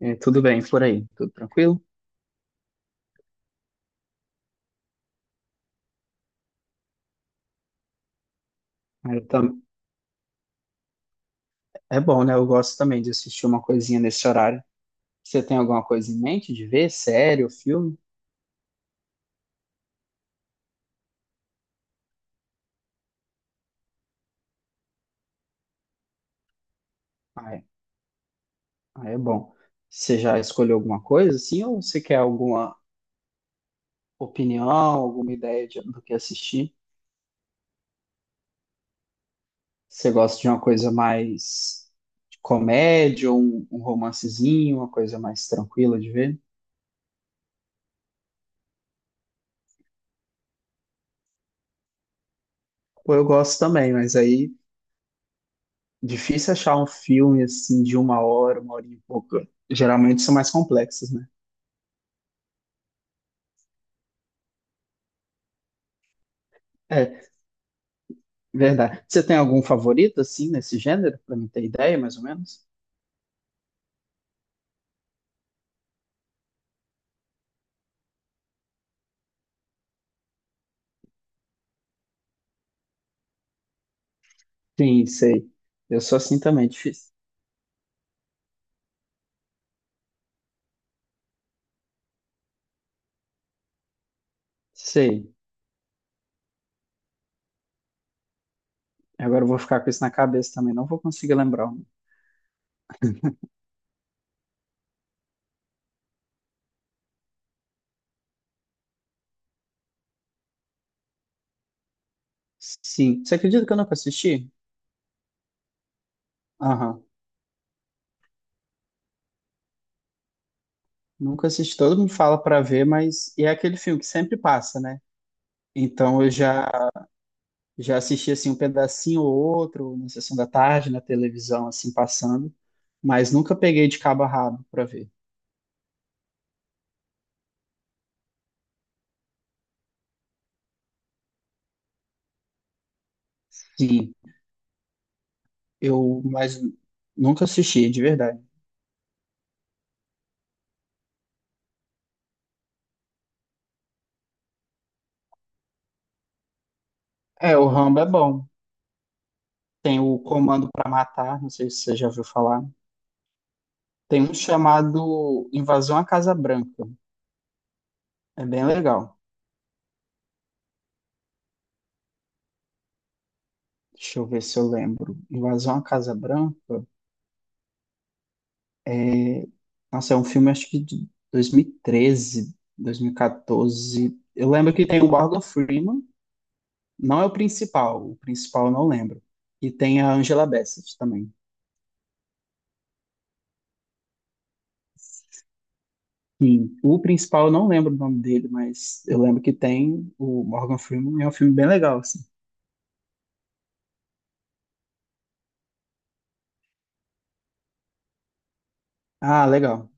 É, tudo bem por aí? Tudo tranquilo? Aí eu tam- É bom, né? Eu gosto também de assistir uma coisinha nesse horário. Você tem alguma coisa em mente de ver? Série ou filme? Ah, é, Ah, é bom. Você já escolheu alguma coisa, assim? Ou você quer alguma opinião, alguma ideia do que assistir? Você gosta de uma coisa mais de comédia, ou um romancezinho, uma coisa mais tranquila de ver? Pô, eu gosto também, mas aí difícil achar um filme assim de uma hora e pouco. Geralmente são mais complexos, né? É, verdade. Você tem algum favorito, assim, nesse gênero, pra mim ter ideia, mais ou menos? Sim, sei. Eu sou assim também, difícil. Sei. Agora eu vou ficar com isso na cabeça também, não vou conseguir lembrar. Sim. Você acredita que eu nunca assisti? Aham. Nunca assisti. Todo mundo fala pra ver, mas e é aquele filme que sempre passa, né? Então eu já assisti assim um pedacinho ou outro na sessão da tarde, na televisão assim passando, mas nunca peguei de cabo a rabo pra ver. Sim, eu mas nunca assisti, de verdade. É, o Rambo é bom. Tem o Comando para Matar, não sei se você já ouviu falar. Tem um chamado Invasão à Casa Branca. É bem legal. Deixa eu ver se eu lembro. Invasão à Casa Branca. é, Nossa, é um filme acho que de 2013, 2014. Eu lembro que tem o Morgan Freeman. Não é o principal. O principal eu não lembro. E tem a Angela Bassett também. Sim, o principal eu não lembro o nome dele, mas eu lembro que tem o Morgan Freeman. É um filme bem legal assim. Ah, legal.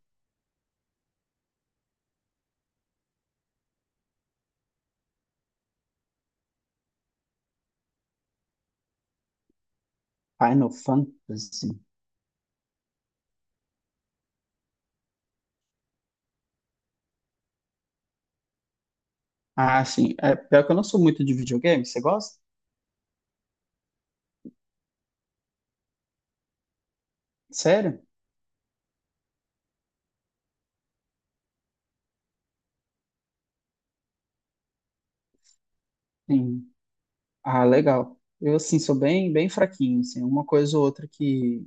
Final Fantasy. Ah, sim. É, pior que eu não sou muito de videogame. Você gosta? Sério? Sim. Ah, legal. Eu, assim, sou bem, bem fraquinho, assim. Uma coisa ou outra que,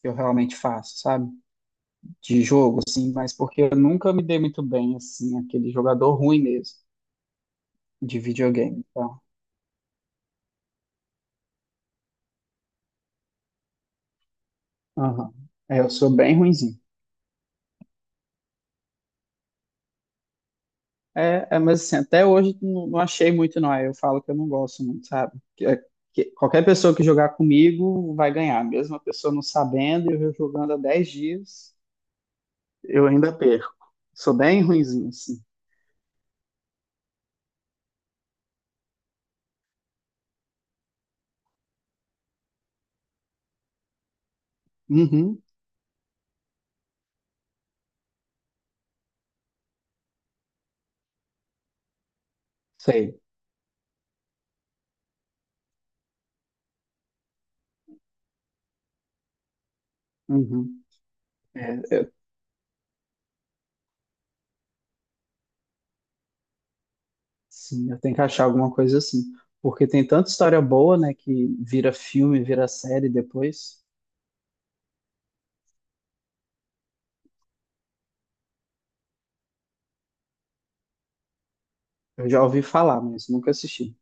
que eu realmente faço, sabe? De jogo, assim. Mas porque eu nunca me dei muito bem, assim. Aquele jogador ruim mesmo de videogame. Então, aham. É, eu sou bem ruim. É, mas assim, até hoje não, não achei muito, não. Aí eu falo que eu não gosto muito, sabe? Que qualquer pessoa que jogar comigo vai ganhar. Mesmo a pessoa não sabendo, e eu jogando há 10 dias, eu ainda perco. Sou bem ruinzinho, assim. Uhum, sei. Uhum. É, sim, eu tenho que achar alguma coisa assim. Porque tem tanta história boa, né, que vira filme, vira série depois. Eu já ouvi falar, mas nunca assisti.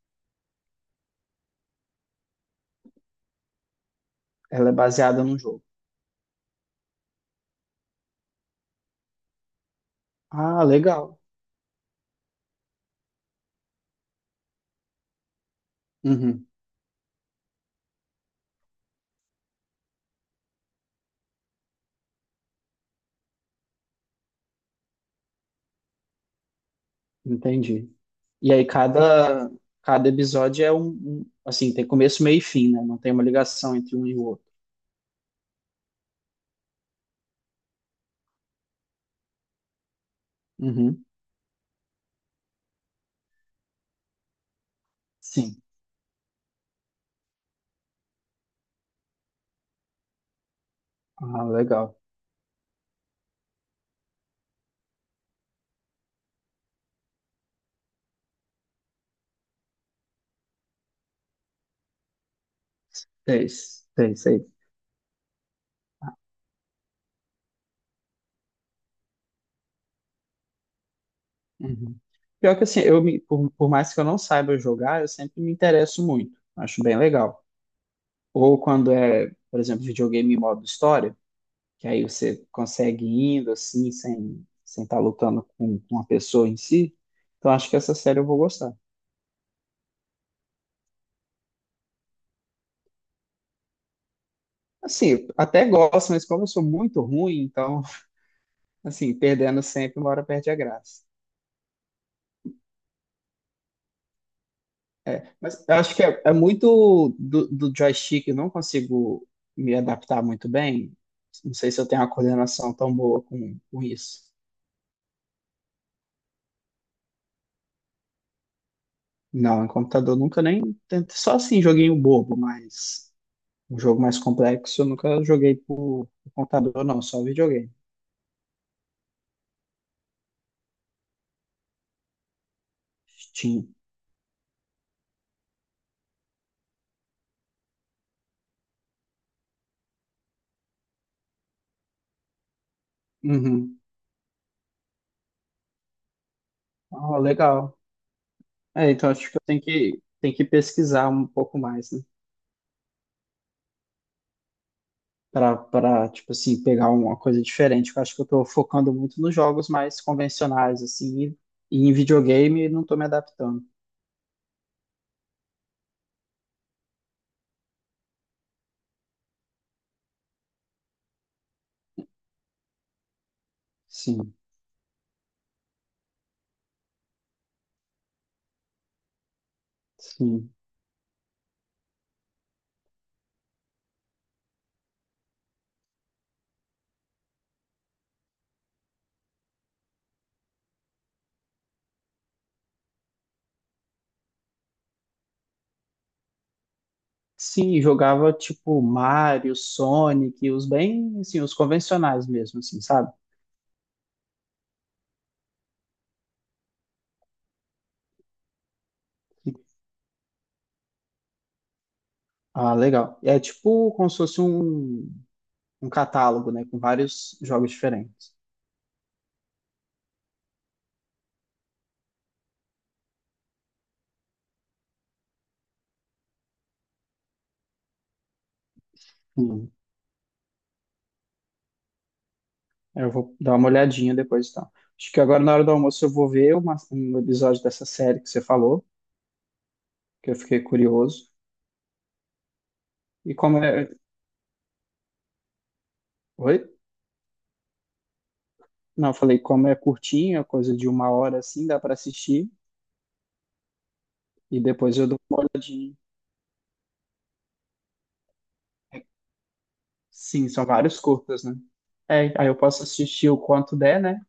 Ela é baseada num jogo. Ah, legal. Uhum, entendi. E aí cada episódio é assim, tem começo, meio e fim, né? Não tem uma ligação entre um e o outro. Uhum. Sim. Ah, legal. Seis, seis, seis. Uhum. Pior que assim, eu por mais que eu não saiba jogar, eu sempre me interesso muito. Acho bem legal. Ou quando é, por exemplo, videogame em modo história, que aí você consegue ir indo assim, sem estar lutando com uma pessoa em si. Então acho que essa série eu vou gostar. Assim, eu até gosto, mas como eu sou muito ruim, então assim, perdendo sempre, uma hora perde a graça. Mas eu acho que é muito do joystick, eu não consigo me adaptar muito bem. Não sei se eu tenho uma coordenação tão boa com isso. Não, em computador nunca nem tentei. Só assim, joguinho bobo, mas um jogo mais complexo eu nunca joguei por computador, não, só videogame. Steam. Uhum. Ah, legal. É, então acho que eu tenho que pesquisar um pouco mais, né? para tipo assim, pegar uma coisa diferente. Eu acho que eu tô focando muito nos jogos mais convencionais, assim, e, em videogame não tô me adaptando. Sim, sim. Sim, jogava tipo Mario, Sonic, os bem, assim, os convencionais mesmo, assim, sabe? Ah, legal. É tipo como se fosse um catálogo, né, com vários jogos diferentes. Sim. Eu vou dar uma olhadinha depois, então. Acho que agora na hora do almoço eu vou ver um episódio dessa série que você falou, que eu fiquei curioso. E como é. Oi? Não, eu falei, como é curtinho, é coisa de uma hora assim, dá para assistir. E depois eu dou uma olhadinha. Sim, são vários curtas, né? É, aí eu posso assistir o quanto der, né?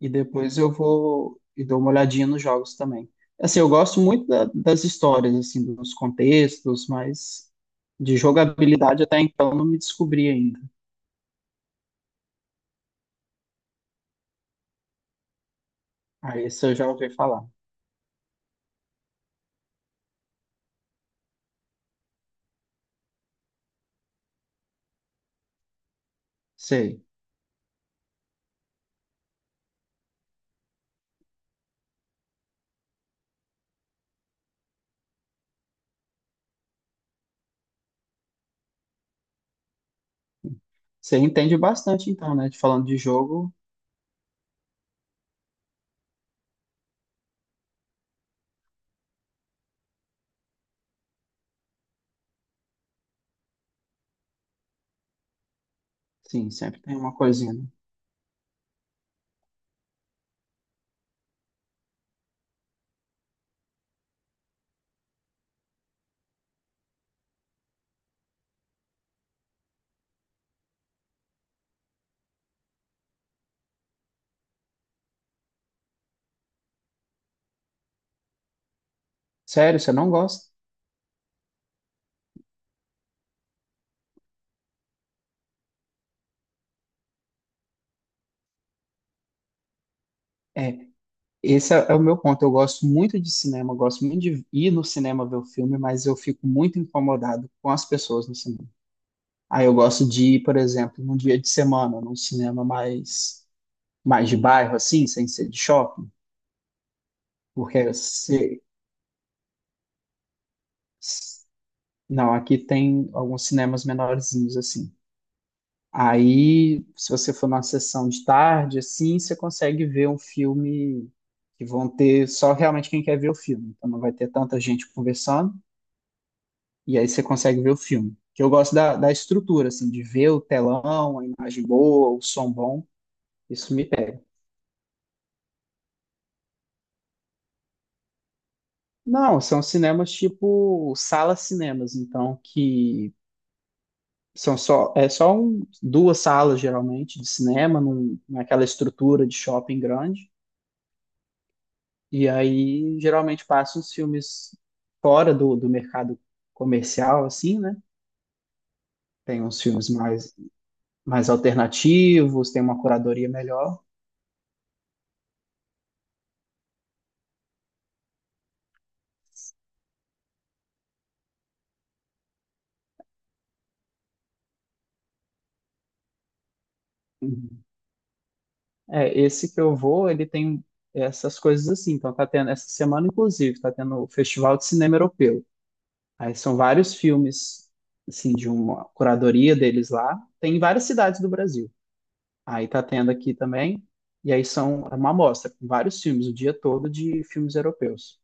E depois eu vou e dou uma olhadinha nos jogos também. Assim, eu gosto muito das histórias, assim, dos contextos, mas de jogabilidade até então não me descobri ainda. Aí esse eu já ouvi falar. Sei. Você entende bastante então, né? De falando de jogo, sim, sempre tem uma coisinha, né? Sério, você não gosta? É, esse é o meu ponto. Eu gosto muito de cinema, eu gosto muito de ir no cinema ver o filme, mas eu fico muito incomodado com as pessoas no cinema. Aí eu gosto de ir, por exemplo, num dia de semana, num cinema mais de bairro, assim, sem ser de shopping, porque se- não, aqui tem alguns cinemas menorzinhos, assim. Aí, se você for numa sessão de tarde, assim, você consegue ver um filme que vão ter só realmente quem quer ver o filme. Então não vai ter tanta gente conversando, e aí você consegue ver o filme. Que eu gosto da estrutura, assim, de ver o telão, a imagem boa, o som bom. Isso me pega. Não, são cinemas tipo salas cinemas, então que são só duas salas geralmente de cinema, naquela estrutura de shopping grande. E aí, geralmente, passam os filmes fora do mercado comercial, assim, né? Tem uns filmes mais alternativos, tem uma curadoria melhor. Uhum. É, esse que eu vou, ele tem essas coisas assim. Então, tá tendo, essa semana, inclusive, tá tendo o Festival de Cinema Europeu. Aí são vários filmes, assim, de uma curadoria deles lá. Tem em várias cidades do Brasil. Aí tá tendo aqui também. E aí são é uma amostra, com vários filmes, o dia todo de filmes europeus.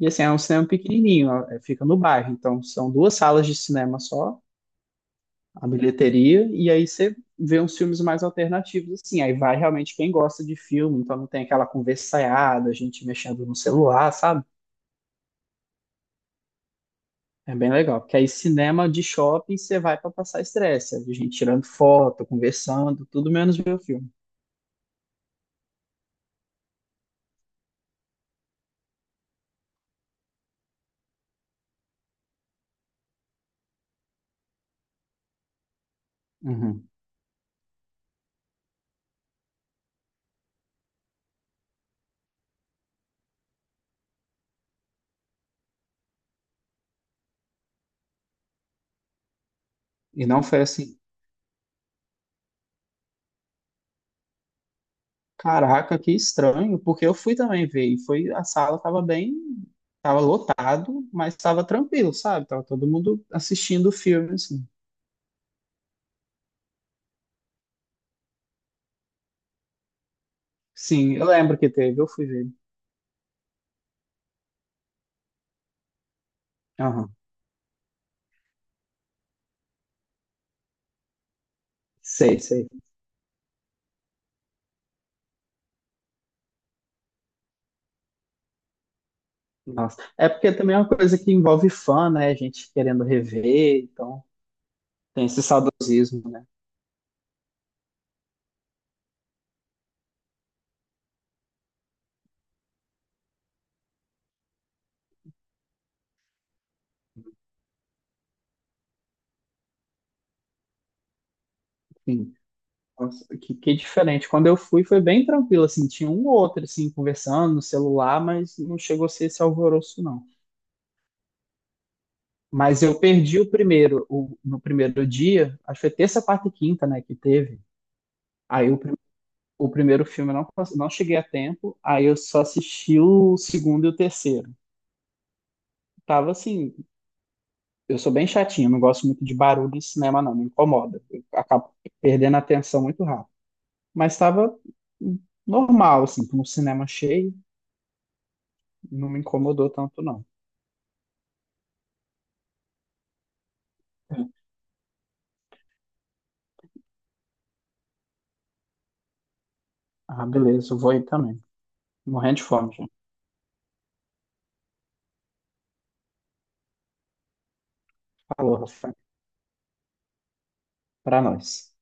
E assim, é um cinema pequenininho, ó, é, fica no bairro. Então, são duas salas de cinema só, a bilheteria, e aí você vê uns filmes mais alternativos, assim. Aí vai realmente quem gosta de filme, então não tem aquela conversaiada, gente mexendo no celular, sabe? É bem legal, porque aí cinema de shopping você vai para passar estresse, a gente tirando foto, conversando, tudo menos ver o filme. Uhum. E não foi assim. Caraca, que estranho, porque eu fui também ver e foi a sala tava bem, tava lotado, mas tava tranquilo, sabe? Tava todo mundo assistindo o filme assim. Sim, eu lembro que teve, eu fui ver. Aham. Sei, sei. Nossa. É porque também é uma coisa que envolve fã, né? A gente querendo rever, então tem esse saudosismo, né? Enfim, nossa, que diferente. Quando eu fui foi bem tranquilo assim, tinha um ou outro assim conversando no celular, mas não chegou a ser esse alvoroço não. Mas eu perdi o primeiro, no primeiro dia, acho que foi terça, quarta e quinta, né, que teve. Aí o primeiro filme eu não cheguei a tempo, aí eu só assisti o segundo e o terceiro. Tava assim, eu sou bem chatinho, não gosto muito de barulho em cinema, não, me incomoda. Eu acabo perdendo a atenção muito rápido. Mas tava normal, assim, com o cinema cheio, não me incomodou tanto, não. Ah, beleza, eu vou ir também. Morrendo de fome, gente. Falou, Rafa. Pra nós.